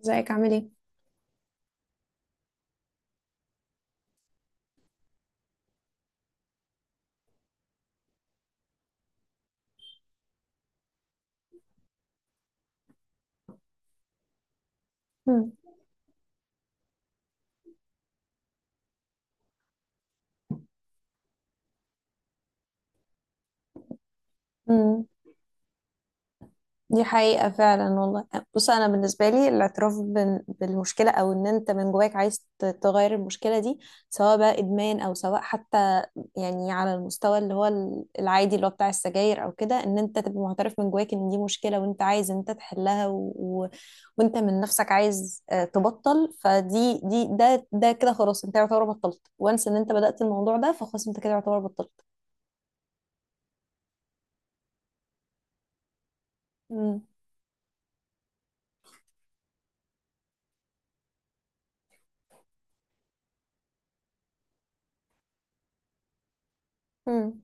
ازيك، عامل ايه؟ مم. مم. دي حقيقة فعلا والله. بص، أنا بالنسبة لي الاعتراف بالمشكلة، أو إن أنت من جواك عايز تغير المشكلة دي، سواء بقى إدمان أو سواء حتى يعني على المستوى اللي هو العادي، اللي هو بتاع السجاير أو كده، إن أنت تبقى معترف من جواك إن دي مشكلة وأنت عايز إن أنت تحلها، وأنت من نفسك عايز تبطل، فدي دي ده ده كده خلاص، أنت يعتبر بطلت، وانس إن أنت بدأت الموضوع ده، فخلاص أنت كده يعتبر بطلت. مم. مم.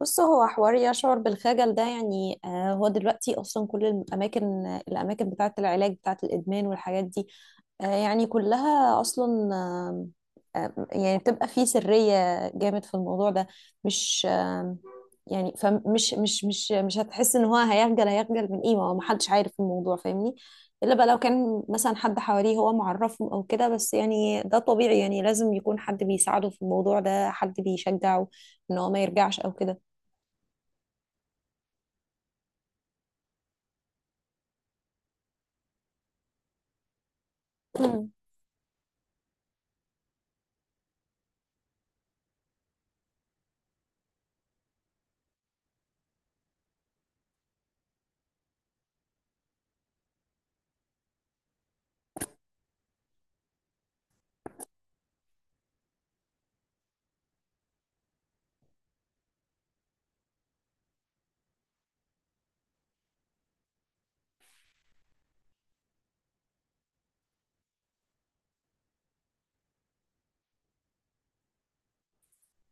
بص، هو حوار يشعر بالخجل ده يعني هو دلوقتي اصلا كل الاماكن بتاعه العلاج بتاعه الادمان والحاجات دي يعني كلها اصلا، يعني بتبقى فيه سريه جامد في الموضوع ده، مش يعني فمش مش مش مش هتحس ان هو هيخجل من ايه؟ ما هو محدش عارف الموضوع، فاهمني؟ الا بقى لو كان مثلا حد حواليه هو معرفهم او كده، بس يعني ده طبيعي، يعني لازم يكون حد بيساعده في الموضوع ده، حد بيشجعه ان هو ما يرجعش او كده. مم.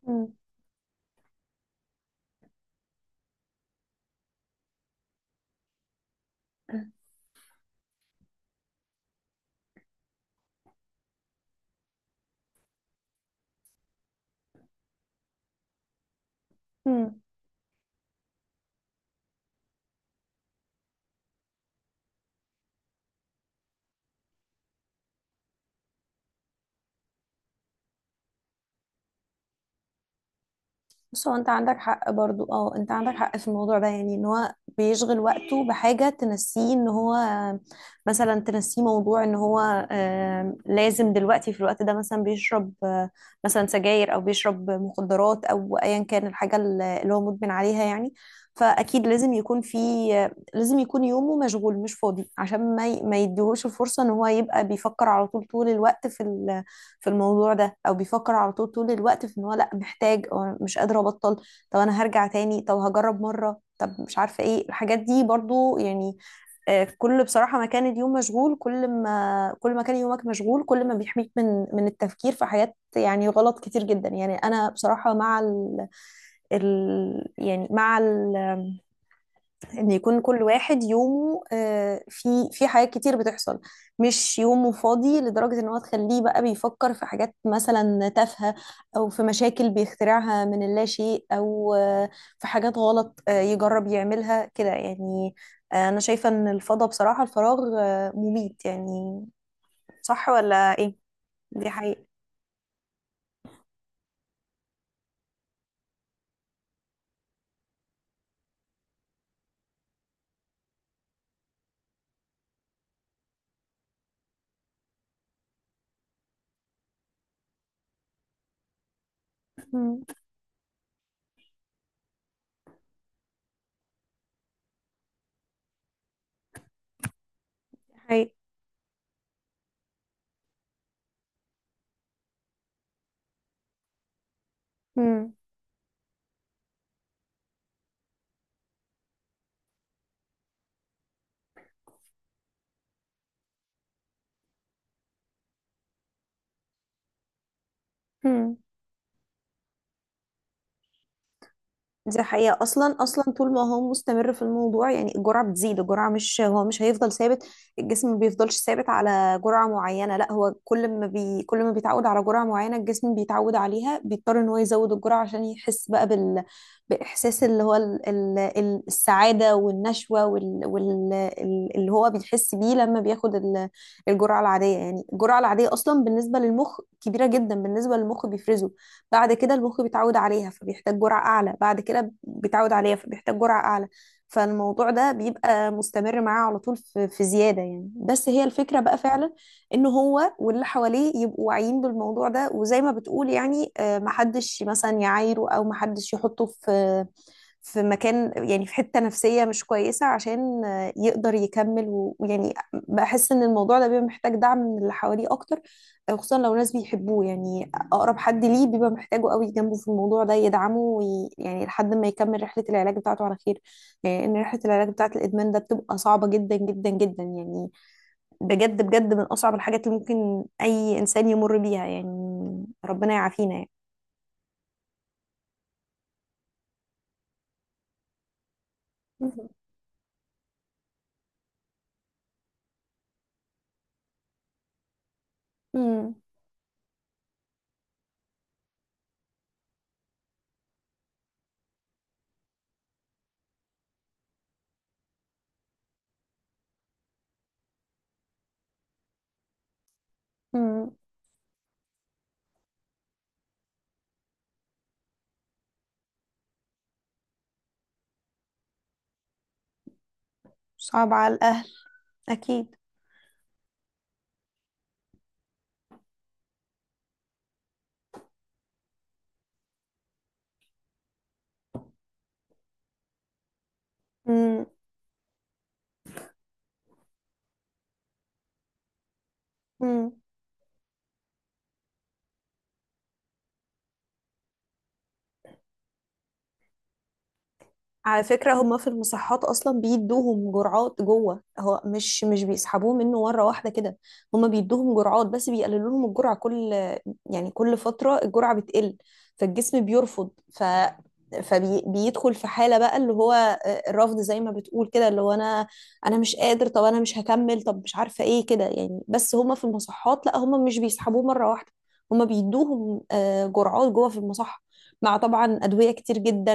مم. مم. بس هو انت عندك حق برضو، انت عندك حق في الموضوع ده، يعني ان هو بيشغل وقته بحاجة تنسيه ان هو، مثلا تنسيه موضوع ان هو لازم دلوقتي في الوقت ده مثلا بيشرب مثلا سجاير او بيشرب مخدرات او ايا كان الحاجة اللي هو مدمن عليها يعني، فاكيد لازم يكون في لازم يكون يومه مشغول مش فاضي عشان ما ما يديهوش الفرصة ان هو يبقى بيفكر على طول طول الوقت في الموضوع ده، او بيفكر على طول طول الوقت في ان هو لا محتاج او مش قادر ابطل، طب انا هرجع تاني، طب هجرب مرة، طب مش عارفة ايه الحاجات دي برضو يعني. كل بصراحة ما كان اليوم مشغول، كل ما كان يومك مشغول، كل ما بيحميك من التفكير في حاجات يعني غلط كتير جدا. يعني أنا بصراحة مع يعني مع ان يكون كل واحد يومه في حاجات كتير بتحصل، مش يومه فاضي لدرجة ان هو تخليه بقى بيفكر في حاجات مثلا تافهة، او في مشاكل بيخترعها من اللا شيء، او في حاجات غلط يجرب يعملها كده يعني. انا شايفة ان الفضا، بصراحة، الفراغ مميت يعني. صح ولا ايه؟ دي حقيقة. مم. دي حقيقة. مم. مم. دي حقيقة، أصلا أصلا طول ما هو مستمر في الموضوع، يعني الجرعة بتزيد. الجرعة، مش هو مش هيفضل ثابت، الجسم ما بيفضلش ثابت على جرعة معينة. لا، هو كل ما بيتعود على جرعة معينة الجسم بيتعود عليها، بيضطر إن هو يزود الجرعة عشان يحس بقى بال، بإحساس اللي هو السعادة والنشوة اللي هو بيحس بيه لما بياخد الجرعة العادية. يعني الجرعة العادية أصلا بالنسبة للمخ كبيرة جدا، بالنسبة للمخ بيفرزه، بعد كده المخ بيتعود عليها فبيحتاج جرعة أعلى، بعد كده بيتعود عليها فبيحتاج جرعة أعلى. فالموضوع ده بيبقى مستمر معاه على طول، في زيادة يعني. بس هي الفكرة بقى فعلا إن هو واللي حواليه يبقوا واعيين بالموضوع ده، وزي ما بتقول يعني محدش مثلا يعايره أو محدش يحطه في في مكان، يعني في حتة نفسية مش كويسة، عشان يقدر يكمل ويعني بحس ان الموضوع ده بيبقى محتاج دعم من اللي حواليه اكتر، خصوصا لو ناس بيحبوه، يعني اقرب حد ليه بيبقى محتاجه قوي جنبه في الموضوع ده يدعمه يعني لحد ما يكمل رحلة العلاج بتاعته على خير، يعني ان رحلة العلاج بتاعة الادمان ده بتبقى صعبة جدا جدا جدا يعني. بجد بجد من اصعب الحاجات اللي ممكن اي انسان يمر بيها، يعني ربنا يعافينا يعني. مهم. مم. مم. صعب على الاهل، اكيد. مم. مم. على فكرة هما في المصحات أصلا بيدوهم جرعات جوه، هو مش بيسحبوه منه مرة واحدة كده. هما بيدوهم جرعات، بس بيقللوا لهم الجرعة كل، يعني كل فترة الجرعة بتقل، فالجسم بيرفض، فبيدخل في حالة بقى اللي هو الرفض، زي ما بتقول كده، اللي هو أنا أنا مش قادر، طب أنا مش هكمل، طب مش عارفة إيه كده يعني. بس هما في المصحات لا، هما مش بيسحبوه مرة واحدة، هما بيدوهم جرعات جوه في المصحة، مع طبعا أدوية كتير جدا،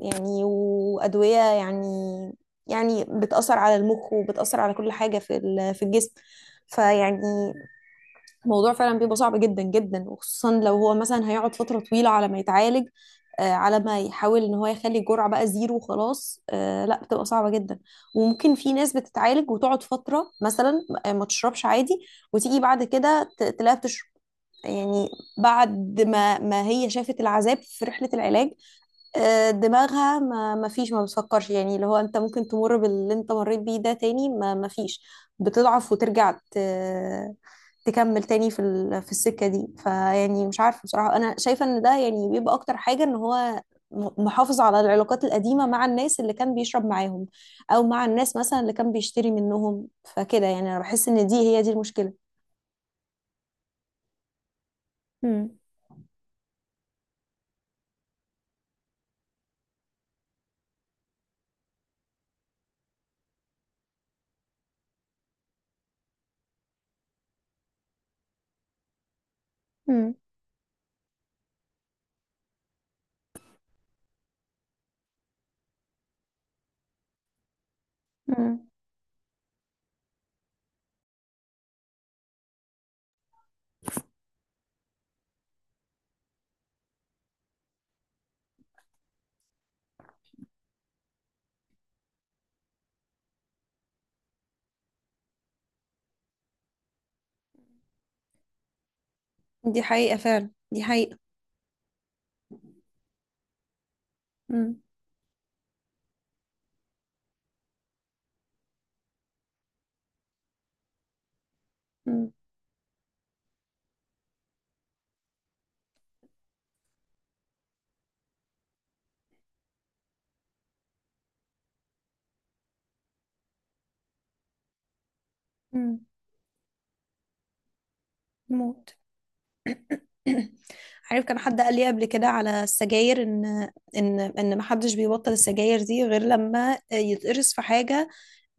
يعني وأدوية يعني، يعني بتأثر على المخ وبتأثر على كل حاجة في الجسم، فيعني الموضوع فعلا بيبقى صعب جدا جدا، وخصوصا لو هو مثلا هيقعد فترة طويلة على ما يتعالج، على ما يحاول ان هو يخلي الجرعة بقى زيرو وخلاص. لا، بتبقى صعبة جدا. وممكن في ناس بتتعالج وتقعد فترة مثلا ما تشربش عادي، وتيجي بعد كده تلاقيها بتشرب يعني، بعد ما هي شافت العذاب في رحلة العلاج، دماغها ما فيش ما بتفكرش، يعني اللي هو انت ممكن تمر باللي انت مريت بيه ده تاني، ما فيش، بتضعف وترجع تكمل تاني في السكة دي، فيعني مش عارفة بصراحة، انا شايفة ان ده يعني بيبقى اكتر حاجة ان هو محافظ على العلاقات القديمة مع الناس اللي كان بيشرب معاهم، او مع الناس مثلا اللي كان بيشتري منهم، فكده يعني، انا بحس ان دي هي دي المشكلة. مم. مم. مم. دي حقيقة فعلا، دي حقيقة. مم. مم. مم. موت. عارف، كان حد قال لي قبل كده على السجاير ان ان ما حدش بيبطل السجاير دي غير لما يتقرص في حاجه،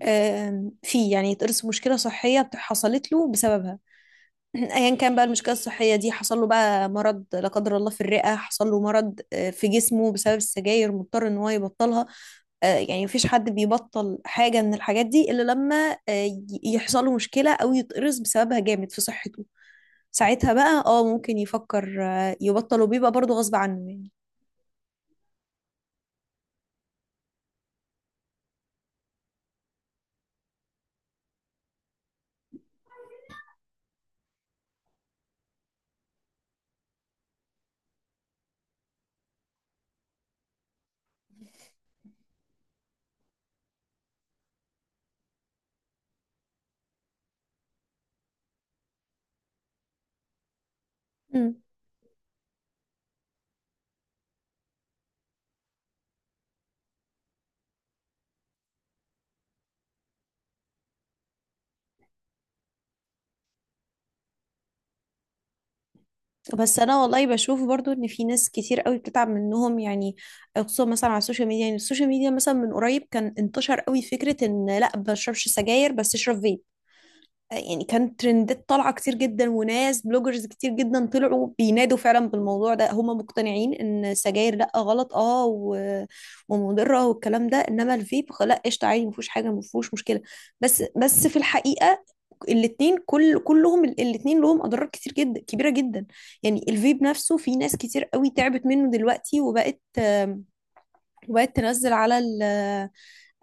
فيه يعني، يتقرص في مشكله صحيه حصلت له بسببها. ايا كان بقى المشكله الصحيه دي، حصل له بقى مرض لا قدر الله في الرئه، حصل له مرض في جسمه بسبب السجاير، مضطر ان هو يبطلها. يعني مفيش حد بيبطل حاجه من الحاجات دي الا لما يحصل له مشكله او يتقرص بسببها جامد في صحته، ساعتها بقى ممكن يفكر يبطل، وبيبقى برضو غصب عنه يعني. مم. بس انا والله بشوف برضو ان في ناس كتير قوي بتتعب منهم يعني، خصوصا مثلا على السوشيال ميديا. يعني السوشيال ميديا مثلا من قريب كان انتشر قوي فكرة ان لا ما تشربش سجاير بس اشرب فيب، يعني كانت ترندات طالعة كتير جدا، وناس بلوجرز كتير جدا طلعوا بينادوا فعلا بالموضوع ده، هم مقتنعين ان السجاير لا، غلط ومضرة والكلام ده، انما الفيب لا قشطة، عادي، مفيهوش حاجة، مفيهوش مشكلة. بس في الحقيقة الاتنين، كلهم الاتنين لهم اضرار كتير جدا كبيرة جدا. يعني الفيب نفسه في ناس كتير قوي تعبت منه دلوقتي، وبقت وبقت تنزل على ال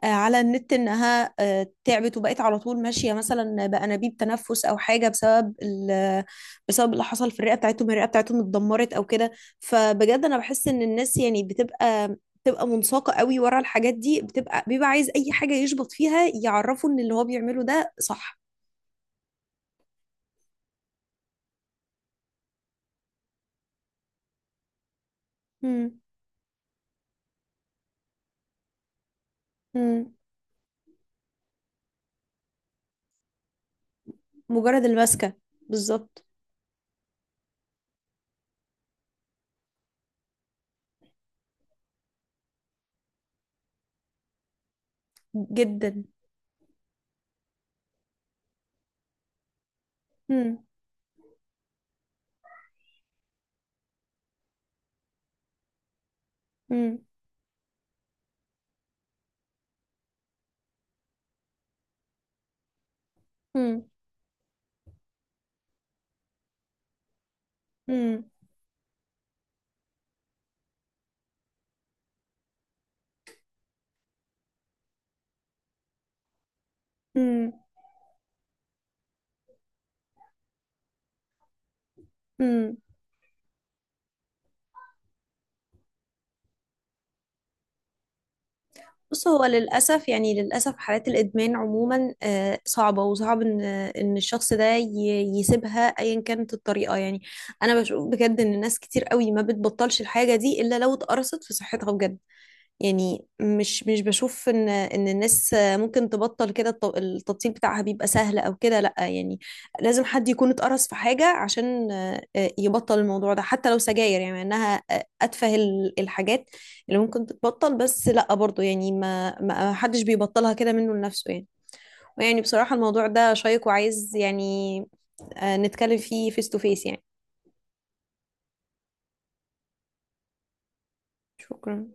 آه، على النت انها تعبت، وبقت على طول ماشيه مثلا بانابيب تنفس او حاجه، بسبب بسبب اللي حصل في الرئه بتاعتهم، الرئه بتاعتهم اتدمرت او كده. فبجد انا بحس ان الناس يعني بتبقى منساقه قوي ورا الحاجات دي، بتبقى بيبقى عايز اي حاجه يشبط فيها يعرفوا ان اللي هو بيعمله ده صح. مم. مم. مجرد المسكه. بالظبط. جدا. مم. مم. مم. مم. مم. مم. بص، هو للأسف، يعني للأسف، حالات الإدمان عموما صعبة، وصعب إن الشخص ده يسيبها أيا كانت الطريقة يعني. أنا بشوف بجد إن ناس كتير قوي ما بتبطلش الحاجة دي إلا لو اتقرصت في صحتها بجد. يعني مش بشوف ان الناس ممكن تبطل كده، التبطيل بتاعها بيبقى سهل او كده، لا، يعني لازم حد يكون اتقرص في حاجة عشان يبطل الموضوع ده، حتى لو سجاير يعني، مع انها اتفه الحاجات اللي ممكن تتبطل، بس لا برضو، يعني ما حدش بيبطلها كده منه لنفسه يعني. ويعني بصراحة الموضوع ده شيق وعايز يعني نتكلم فيه فيس تو فيس يعني. شكرا.